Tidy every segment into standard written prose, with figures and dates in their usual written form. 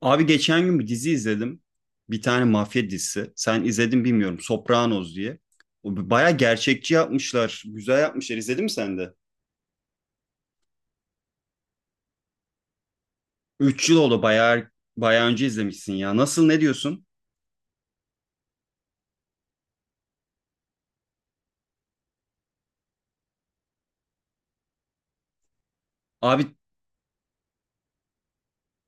Abi geçen gün bir dizi izledim. Bir tane mafya dizisi. Sen izledin bilmiyorum. Sopranos diye. O baya gerçekçi yapmışlar. Güzel yapmışlar. İzledin mi sen de? Üç yıl oldu. Baya önce izlemişsin ya. Nasıl, ne diyorsun? Abi,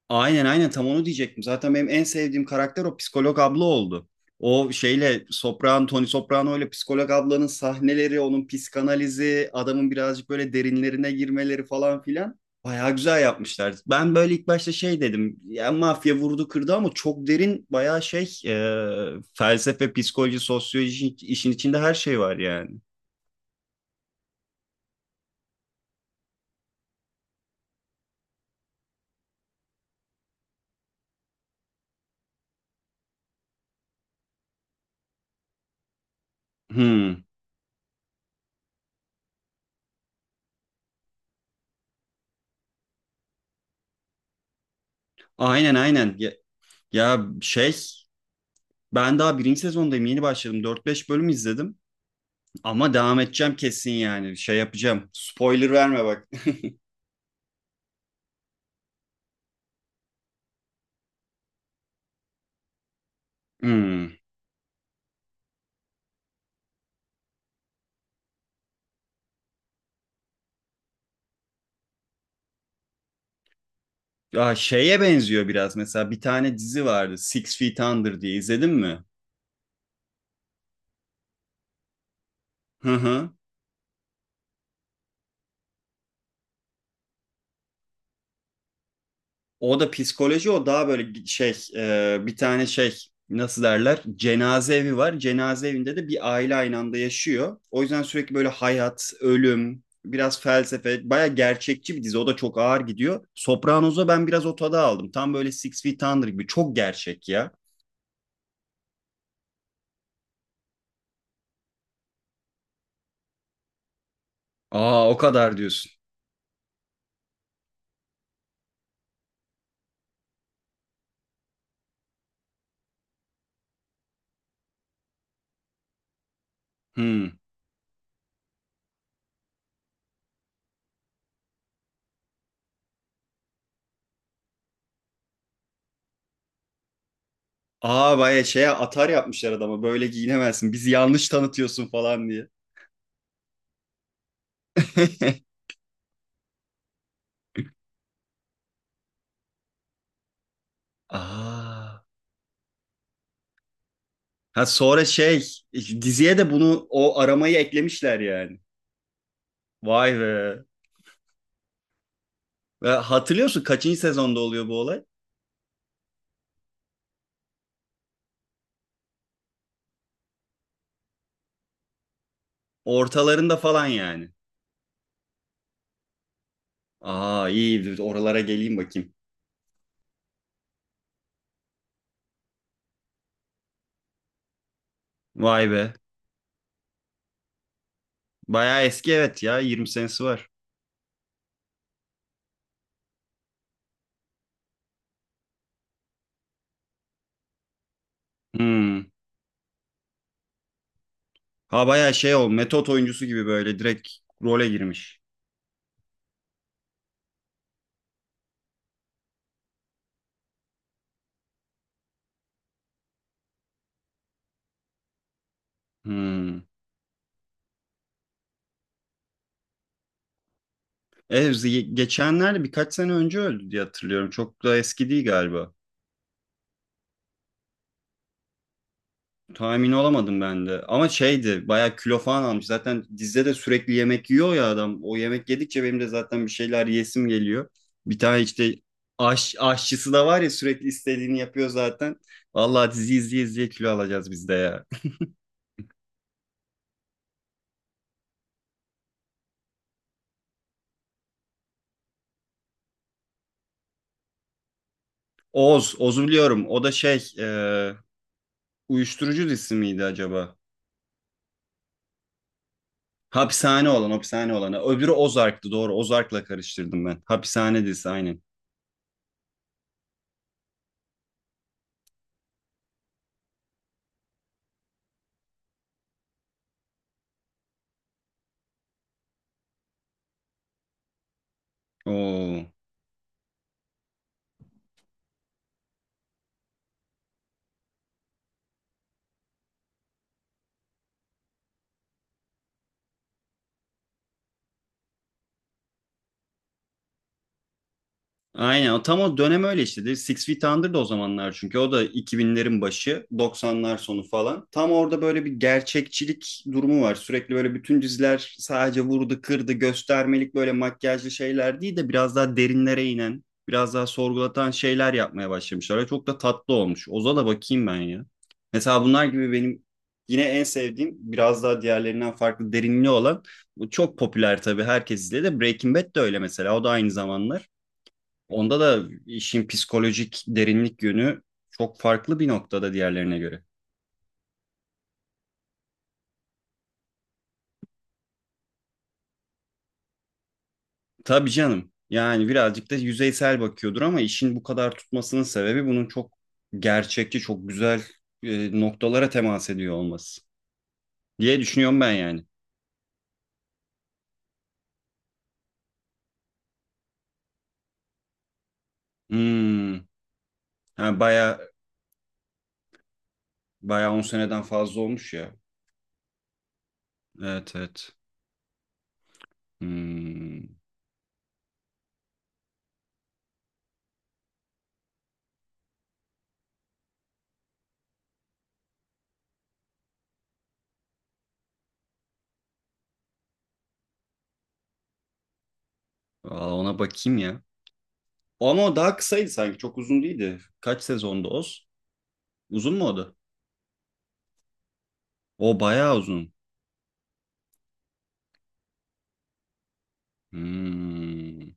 aynen aynen, tam onu diyecektim. Zaten benim en sevdiğim karakter o psikolog abla oldu. O şeyle Sopran, Tony Soprano ile psikolog ablanın sahneleri, onun psikanalizi, adamın birazcık böyle derinlerine girmeleri falan filan. Bayağı güzel yapmışlar. Ben böyle ilk başta şey dedim. Ya mafya vurdu kırdı ama çok derin, bayağı felsefe, psikoloji, sosyoloji, işin içinde her şey var yani. Hmm. Aynen aynen. Ya, ya şey, ben daha birinci sezondayım, yeni başladım. Dört beş bölüm izledim. Ama devam edeceğim kesin yani. Şey yapacağım. Spoiler verme bak. Hmm. Ya şeye benziyor biraz. Mesela bir tane dizi vardı. Six Feet Under diye, izledin mi? Hı hı. O da psikoloji. O daha böyle bir tane şey, nasıl derler? Cenaze evi var. Cenaze evinde de bir aile aynı anda yaşıyor. O yüzden sürekli böyle hayat, ölüm, biraz felsefe, baya gerçekçi bir dizi. O da çok ağır gidiyor. Sopranos'a ben biraz o tadı aldım. Tam böyle Six Feet Under gibi. Çok gerçek ya. Aa, o kadar diyorsun. Hmm. Aa, bayağı şeye, atar yapmışlar adama. Böyle giyinemezsin. Bizi yanlış tanıtıyorsun falan diye. Aa. Ha sonra şey, işte diziye de bunu, o aramayı eklemişler yani. Vay be. Ve hatırlıyorsun, kaçıncı sezonda oluyor bu olay? Ortalarında falan yani. Aa, iyi, oralara geleyim bakayım. Vay be. Bayağı eski, evet ya, 20 senesi var. Hmm. Ha bayağı şey, o metot oyuncusu gibi böyle direkt role girmiş. Hmm. Evet, geçenlerde, birkaç sene önce öldü diye hatırlıyorum. Çok da eski değil galiba. Tahmin olamadım ben de. Ama şeydi, bayağı kilo falan almış. Zaten dizide de sürekli yemek yiyor ya adam. O yemek yedikçe benim de zaten bir şeyler yesim geliyor. Bir tane işte aşçısı da var ya, sürekli istediğini yapıyor zaten. Vallahi dizi izleye izleye kilo alacağız biz de ya. Oz, Oz'u biliyorum. O da uyuşturucu dizisi miydi acaba? Hapishane olan, hapishane olanı. Öbürü Ozark'tı, doğru. Ozark'la karıştırdım ben. Hapishane dizisi, aynen. Oo. Aynen, o tam o dönem öyle işte, değil mi? Six Feet Under Under'da o zamanlar, çünkü o da 2000'lerin başı, 90'lar sonu falan. Tam orada böyle bir gerçekçilik durumu var. Sürekli böyle bütün diziler sadece vurdu, kırdı, göstermelik böyle makyajlı şeyler değil de biraz daha derinlere inen, biraz daha sorgulatan şeyler yapmaya başlamışlar. Ve çok da tatlı olmuş. Oza da bakayım ben ya. Mesela bunlar gibi benim yine en sevdiğim, biraz daha diğerlerinden farklı derinliği olan, bu çok popüler tabii, herkes izledi. De Breaking Bad de öyle mesela. O da aynı zamanlar. Onda da işin psikolojik derinlik yönü çok farklı bir noktada diğerlerine göre. Tabii canım. Yani birazcık da yüzeysel bakıyordur, ama işin bu kadar tutmasının sebebi bunun çok gerçekçi, çok güzel noktalara temas ediyor olması diye düşünüyorum ben yani. Hmm. Ha, baya baya 10 seneden fazla olmuş ya. Evet evet. Hmm. Aa, ona bakayım ya. Ama o daha kısaydı sanki. Çok uzun değildi. Kaç sezondu Oz? Uzun mu o da? O bayağı uzun. Hmm.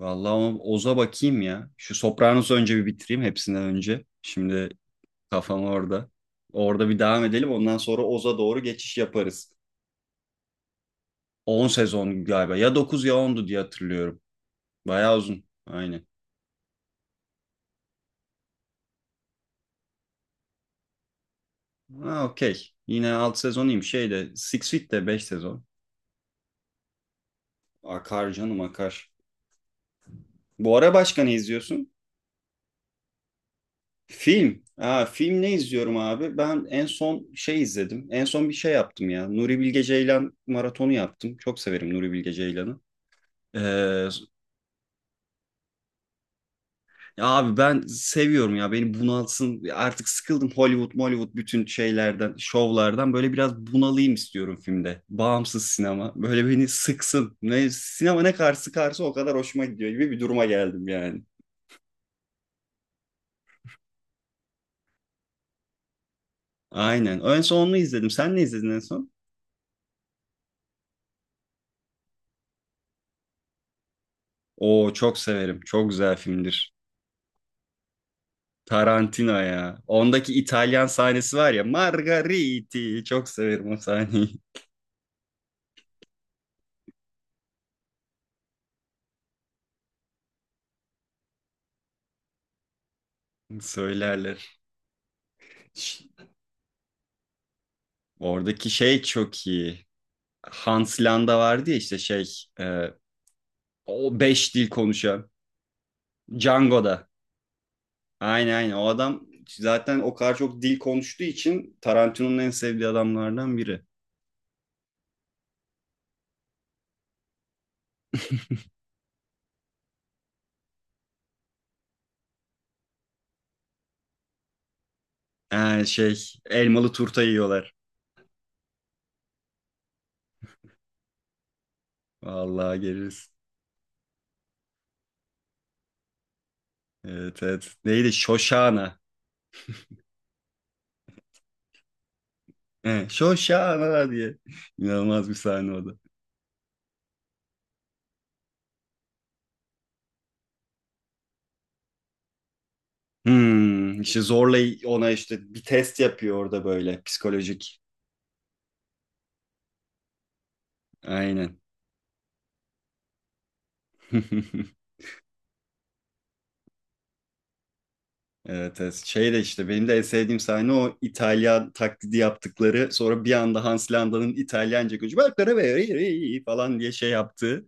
Vallahi, ama Oz'a bakayım ya. Şu Sopranos'u önce bir bitireyim hepsinden önce. Şimdi kafam orada. Orada bir devam edelim. Ondan sonra Oz'a doğru geçiş yaparız. 10 sezon galiba. Ya 9 ya ondu diye hatırlıyorum. Bayağı uzun. Aynen. Ha, okey. Yine 6. sezonuyum. Şeyde Six Feet de 5 sezon. Akar canım, akar. Bu ara başka ne izliyorsun? Film. Aa, film ne izliyorum abi? Ben en son şey izledim. En son bir şey yaptım ya. Nuri Bilge Ceylan maratonu yaptım. Çok severim Nuri Bilge Ceylan'ı. Ee, ya abi ben seviyorum ya. Beni bunalsın. Artık sıkıldım Hollywood, Hollywood, bütün şeylerden, şovlardan. Böyle biraz bunalayım istiyorum filmde. Bağımsız sinema. Böyle beni sıksın. Ne, sinema ne kadar sıkarsa o kadar hoşuma gidiyor gibi bir duruma geldim yani. Aynen. En son onu izledim. Sen ne izledin en son? Oo, çok severim. Çok güzel filmdir. Tarantino ya. Ondaki İtalyan sahnesi var ya. Margariti. Çok severim o sahneyi. Söylerler. Ş- Oradaki şey çok iyi. Hans Landa vardı ya işte şey. e, O beş dil konuşan. Django'da. Aynen aynen. O adam zaten o kadar çok dil konuştuğu için Tarantino'nun en sevdiği adamlardan biri. Yani şey, elmalı turta yiyorlar. Vallahi geliriz. Evet evet. Neydi? Shoshana. He, Şoşana diye. İnanılmaz bir sahne o da. Hmm, işte zorla ona işte bir test yapıyor orada böyle psikolojik. Aynen. Evet, evet. Şey de işte benim de en sevdiğim sahne o İtalyan taklidi yaptıkları, sonra bir anda Hans Landa'nın İtalyanca konuşuyor, "Bak, re, re, re" falan diye şey yaptığı.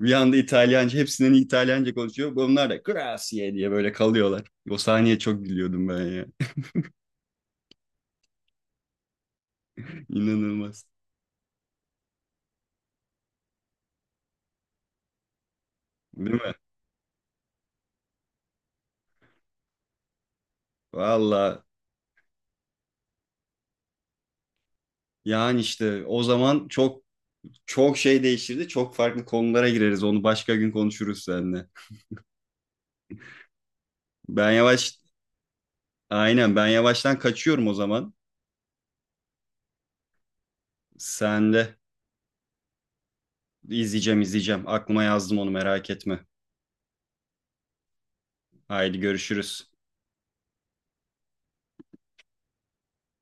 Bir anda İtalyanca, hepsinin İtalyanca konuşuyor. Bunlar da grazie diye böyle kalıyorlar. O sahneye çok gülüyordum ben ya. İnanılmaz. Değil mi? Valla, yani işte o zaman çok şey değişirdi. Çok farklı konulara gireriz. Onu başka gün konuşuruz seninle. Ben yavaş Aynen, ben yavaştan kaçıyorum o zaman. Sen de izleyeceğim, izleyeceğim. Aklıma yazdım onu, merak etme. Haydi görüşürüz.